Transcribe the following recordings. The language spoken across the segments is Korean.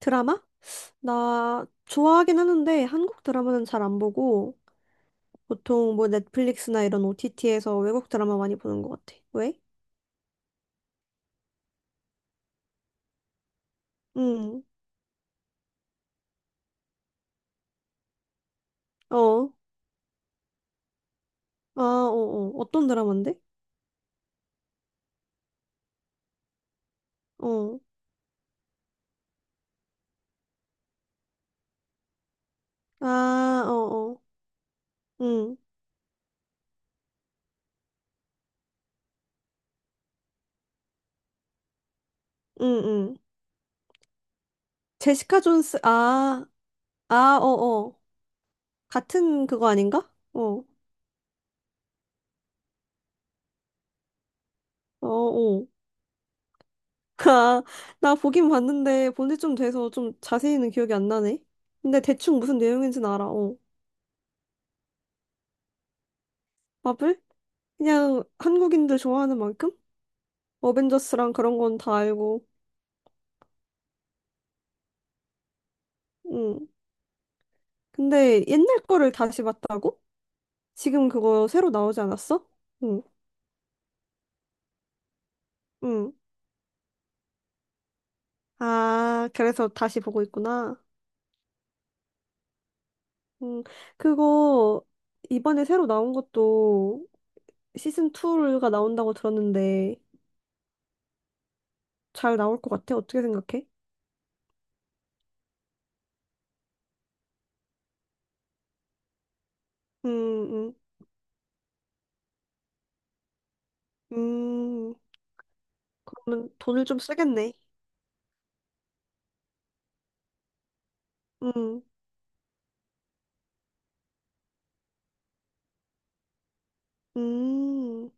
드라마? 나 좋아하긴 하는데 한국 드라마는 잘 안 보고 보통 뭐 넷플릭스나 이런 OTT에서 외국 드라마 많이 보는 것 같아. 왜? 응. 어. 아, 어, 어. 어떤 드라마인데? 어. 아, 어, 어. 응. 응, 응. 제시카 존스. 아, 아, 어, 어. 같은 그거 아닌가? 어. 어, 어. 아, 나 보긴 봤는데 본지 좀 돼서 좀 자세히는 기억이 안 나네. 근데 대충 무슨 내용인지는 알아. 어. 마블? 그냥 한국인들 좋아하는 만큼? 어벤져스랑 그런 건 다 알고. 응. 근데 옛날 거를 다시 봤다고? 지금 그거 새로 나오지 않았어? 응. 응. 아, 그래서 다시 보고 있구나. 응. 그거 이번에 새로 나온 것도 시즌 2가 나온다고 들었는데 잘 나올 것 같아? 어떻게 생각해? 음, 음, 음. 그러면 돈을 좀 쓰겠네. 음, 음.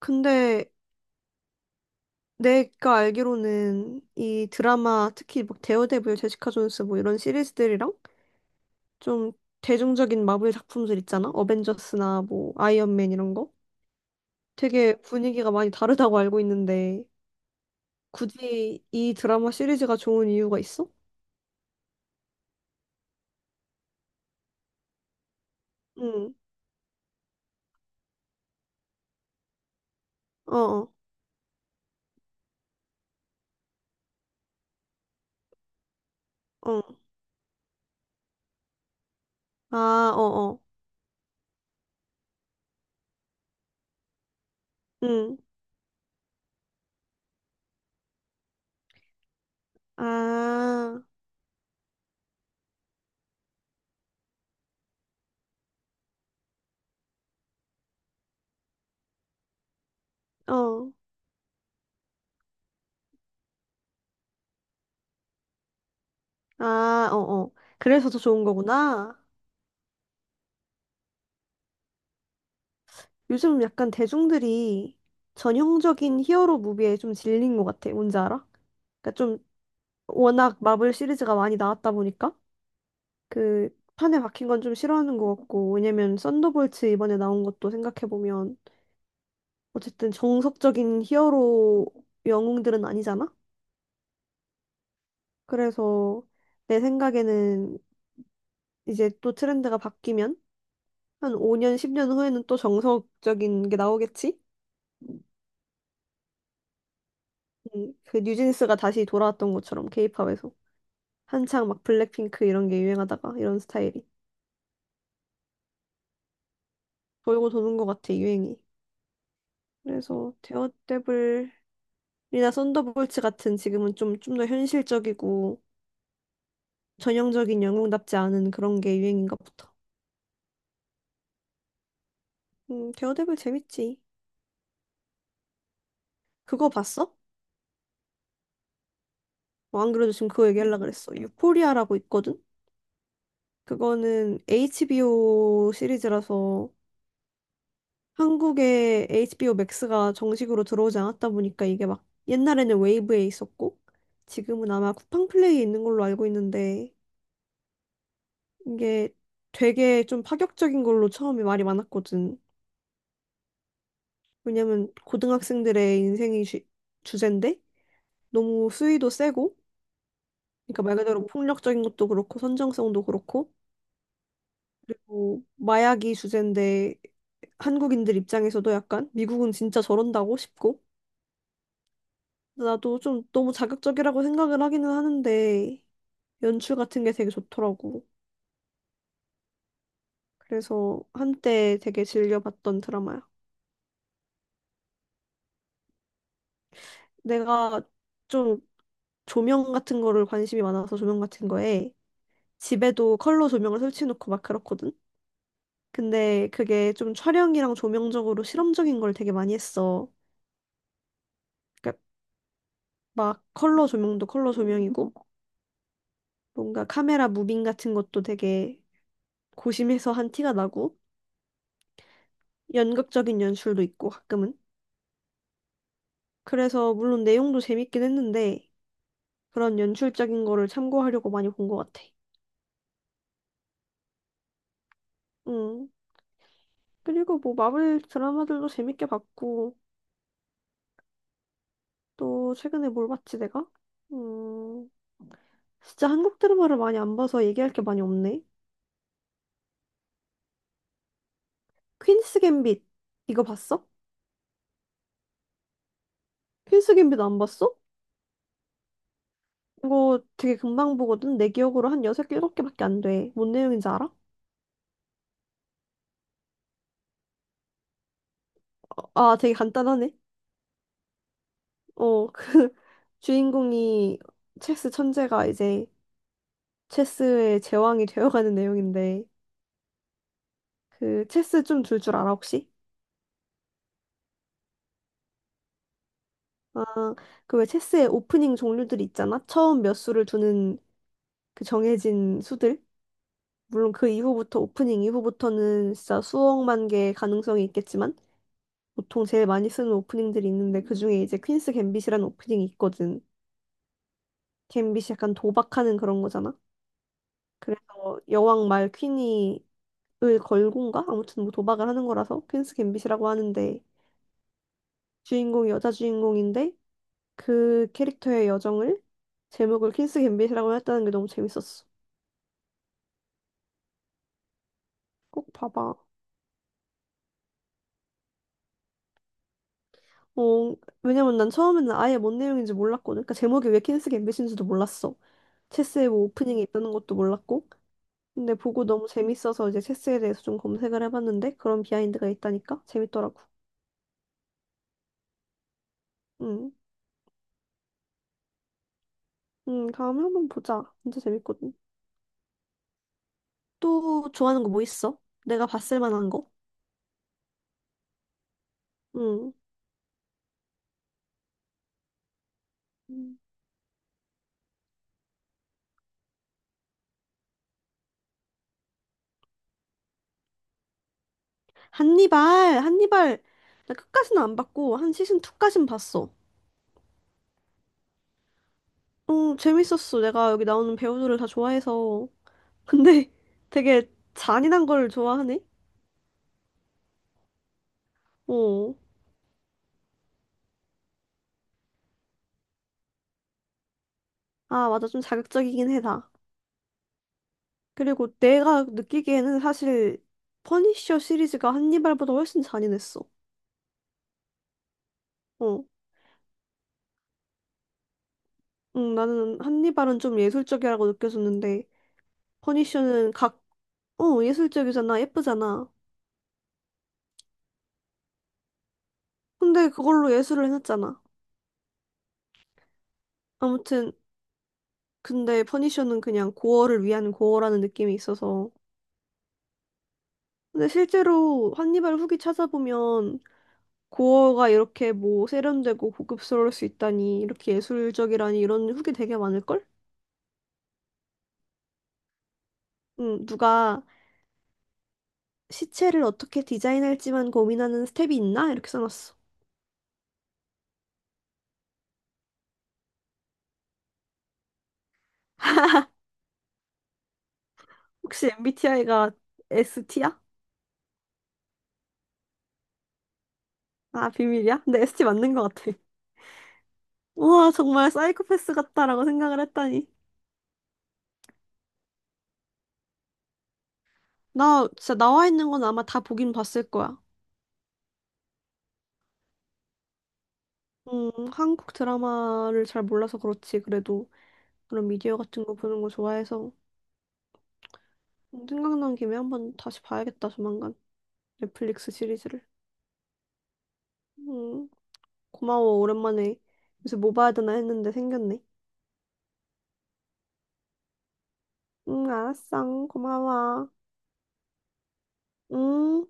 근데 내가 알기로는 이 드라마 특히 막 데어데블, 제시카 존스 뭐 이런 시리즈들이랑 좀 대중적인 마블 작품들 있잖아. 어벤져스나 뭐 아이언맨 이런 거. 되게 분위기가 많이 다르다고 알고 있는데 굳이 이 드라마 시리즈가 좋은 이유가 있어? 응. 어, 어. 어. 아, 어, 어. 응. 아, 어. 아, 어, 어. 그래서 더 좋은 거구나. 요즘 약간 대중들이 전형적인 히어로 무비에 좀 질린 것 같아. 뭔지 알아? 그러니까 좀 워낙 마블 시리즈가 많이 나왔다 보니까 그 판에 박힌 건 좀 싫어하는 것 같고 왜냐면 썬더볼츠 이번에 나온 것도 생각해보면 어쨌든 정석적인 히어로 영웅들은 아니잖아? 그래서 내 생각에는 이제 또 트렌드가 바뀌면 한 5년, 10년 후에는 또 정석적인 게 나오겠지? 그 뉴진스가 다시 돌아왔던 것처럼 케이팝에서. 한창 막 블랙핑크 이런 게 유행하다가 이런 스타일이 돌고 도는 것 같아 유행이. 그래서 데어데블이나 썬더볼츠 같은 지금은 좀 더 현실적이고 전형적인 영웅답지 않은 그런 게 유행인가 보다. 데어데블 재밌지. 그거 봤어? 어, 안 그래도 지금 그거 얘기하려고 그랬어. 유포리아라고 있거든? 그거는 HBO 시리즈라서 한국에 HBO 맥스가 정식으로 들어오지 않았다 보니까 이게 막 옛날에는 웨이브에 있었고 지금은 아마 쿠팡 플레이에 있는 걸로 알고 있는데 이게 되게 좀 파격적인 걸로 처음에 말이 많았거든. 왜냐면 고등학생들의 인생이 주제인데 너무 수위도 세고 그러니까 말 그대로 폭력적인 것도 그렇고 선정성도 그렇고 그리고 마약이 주제인데 한국인들 입장에서도 약간 미국은 진짜 저런다고 싶고 나도 좀 너무 자극적이라고 생각을 하기는 하는데 연출 같은 게 되게 좋더라고. 그래서 한때 되게 즐겨봤던 드라마야. 내가 좀 조명 같은 거를 관심이 많아서 조명 같은 거에 집에도 컬러 조명을 설치해놓고 막 그렇거든. 근데 그게 좀 촬영이랑 조명적으로 실험적인 걸 되게 많이 했어. 그러니까 막 컬러 조명도 컬러 조명이고 뭔가 카메라 무빙 같은 것도 되게 고심해서 한 티가 나고 연극적인 연출도 있고 가끔은. 그래서 물론 내용도 재밌긴 했는데 그런 연출적인 거를 참고하려고 많이 본 것 같아. 음. 그리고 뭐 마블 드라마들도 재밌게 봤고 또 최근에 뭘 봤지 내가? 음. 진짜 한국 드라마를 많이 안 봐서 얘기할 게 많이 없네. 퀸스 갬빗 이거 봤어? 퀸스 갬빗 안 봤어? 이거 되게 금방 보거든. 내 기억으로 한 6, 7개밖에 안 돼. 뭔 내용인지 알아? 어, 아, 되게 간단하네. 어, 그 주인공이 체스 천재가 이제 체스의 제왕이 되어가는 내용인데 그 체스 좀 둘 줄 알아 혹시? 아, 그 왜 체스의 오프닝 종류들 있잖아. 처음 몇 수를 두는 그 정해진 수들. 물론 그 이후부터 오프닝 이후부터는 진짜 수억만 개의 가능성이 있겠지만 보통 제일 많이 쓰는 오프닝들이 있는데 그중에 이제 퀸스 갬빗이라는 오프닝이 있거든. 갬빗이 약간 도박하는 그런 거잖아. 그래서 여왕 말 퀸이 을 걸곤가? 아무튼 뭐 도박을 하는 거라서 퀸스 갬빗이라고 하는데 주인공이 여자 주인공인데 그 캐릭터의 여정을 제목을 퀸스 갬빗이라고 했다는 게 너무 재밌었어. 꼭 봐봐. 어, 왜냐면 난 처음에는 아예 뭔 내용인지 몰랐거든. 그러니까 제목이 왜 퀸스 갬빗인지도 몰랐어. 체스의 뭐 오프닝이 있다는 것도 몰랐고. 근데 보고 너무 재밌어서 이제 체스에 대해서 좀 검색을 해봤는데 그런 비하인드가 있다니까 재밌더라고. 응, 응, 다음에 한번 보자. 진짜 재밌거든. 또 좋아하는 거 뭐 있어? 내가 봤을 만한 거? 응. 한니발, 한니발. 나 끝까지는 안 봤고, 한 시즌 2까진 봤어. 어, 재밌었어. 내가 여기 나오는 배우들을 다 좋아해서. 근데 되게 잔인한 걸 좋아하네? 어. 아, 맞아. 좀 자극적이긴 해, 다. 그리고 내가 느끼기에는 사실 퍼니셔 시리즈가 한니발보다 훨씬 잔인했어. 어. 응, 나는 한니발은 좀 예술적이라고 느껴졌는데, 퍼니셔는 예술적이잖아. 예쁘잖아. 근데 그걸로 예술을 해놨잖아. 아무튼. 근데 퍼니셔는 그냥 고어를 위한 고어라는 느낌이 있어서. 근데 실제로 한니발 후기 찾아보면 고어가 이렇게 뭐 세련되고 고급스러울 수 있다니, 이렇게 예술적이라니 이런 후기 되게 많을걸? 응, 누가 시체를 어떻게 디자인할지만 고민하는 스텝이 있나? 이렇게 써놨어. 혹시 MBTI가 ST야? 아, 비밀이야? 근데 ST 맞는 것 같아. 우와, 정말 사이코패스 같다라고 생각을 했다니. 나 진짜 나와 있는 건 아마 다 보긴 봤을 거야. 한국 드라마를 잘 몰라서 그렇지. 그래도 그런 미디어 같은 거 보는 거 좋아해서 생각난 김에 한번 다시 봐야겠다, 조만간. 넷플릭스 시리즈를. 음, 고마워. 오랜만에 요새 뭐 봐야 되나 했는데 생겼네. 응, 알았어. 고마워. 응.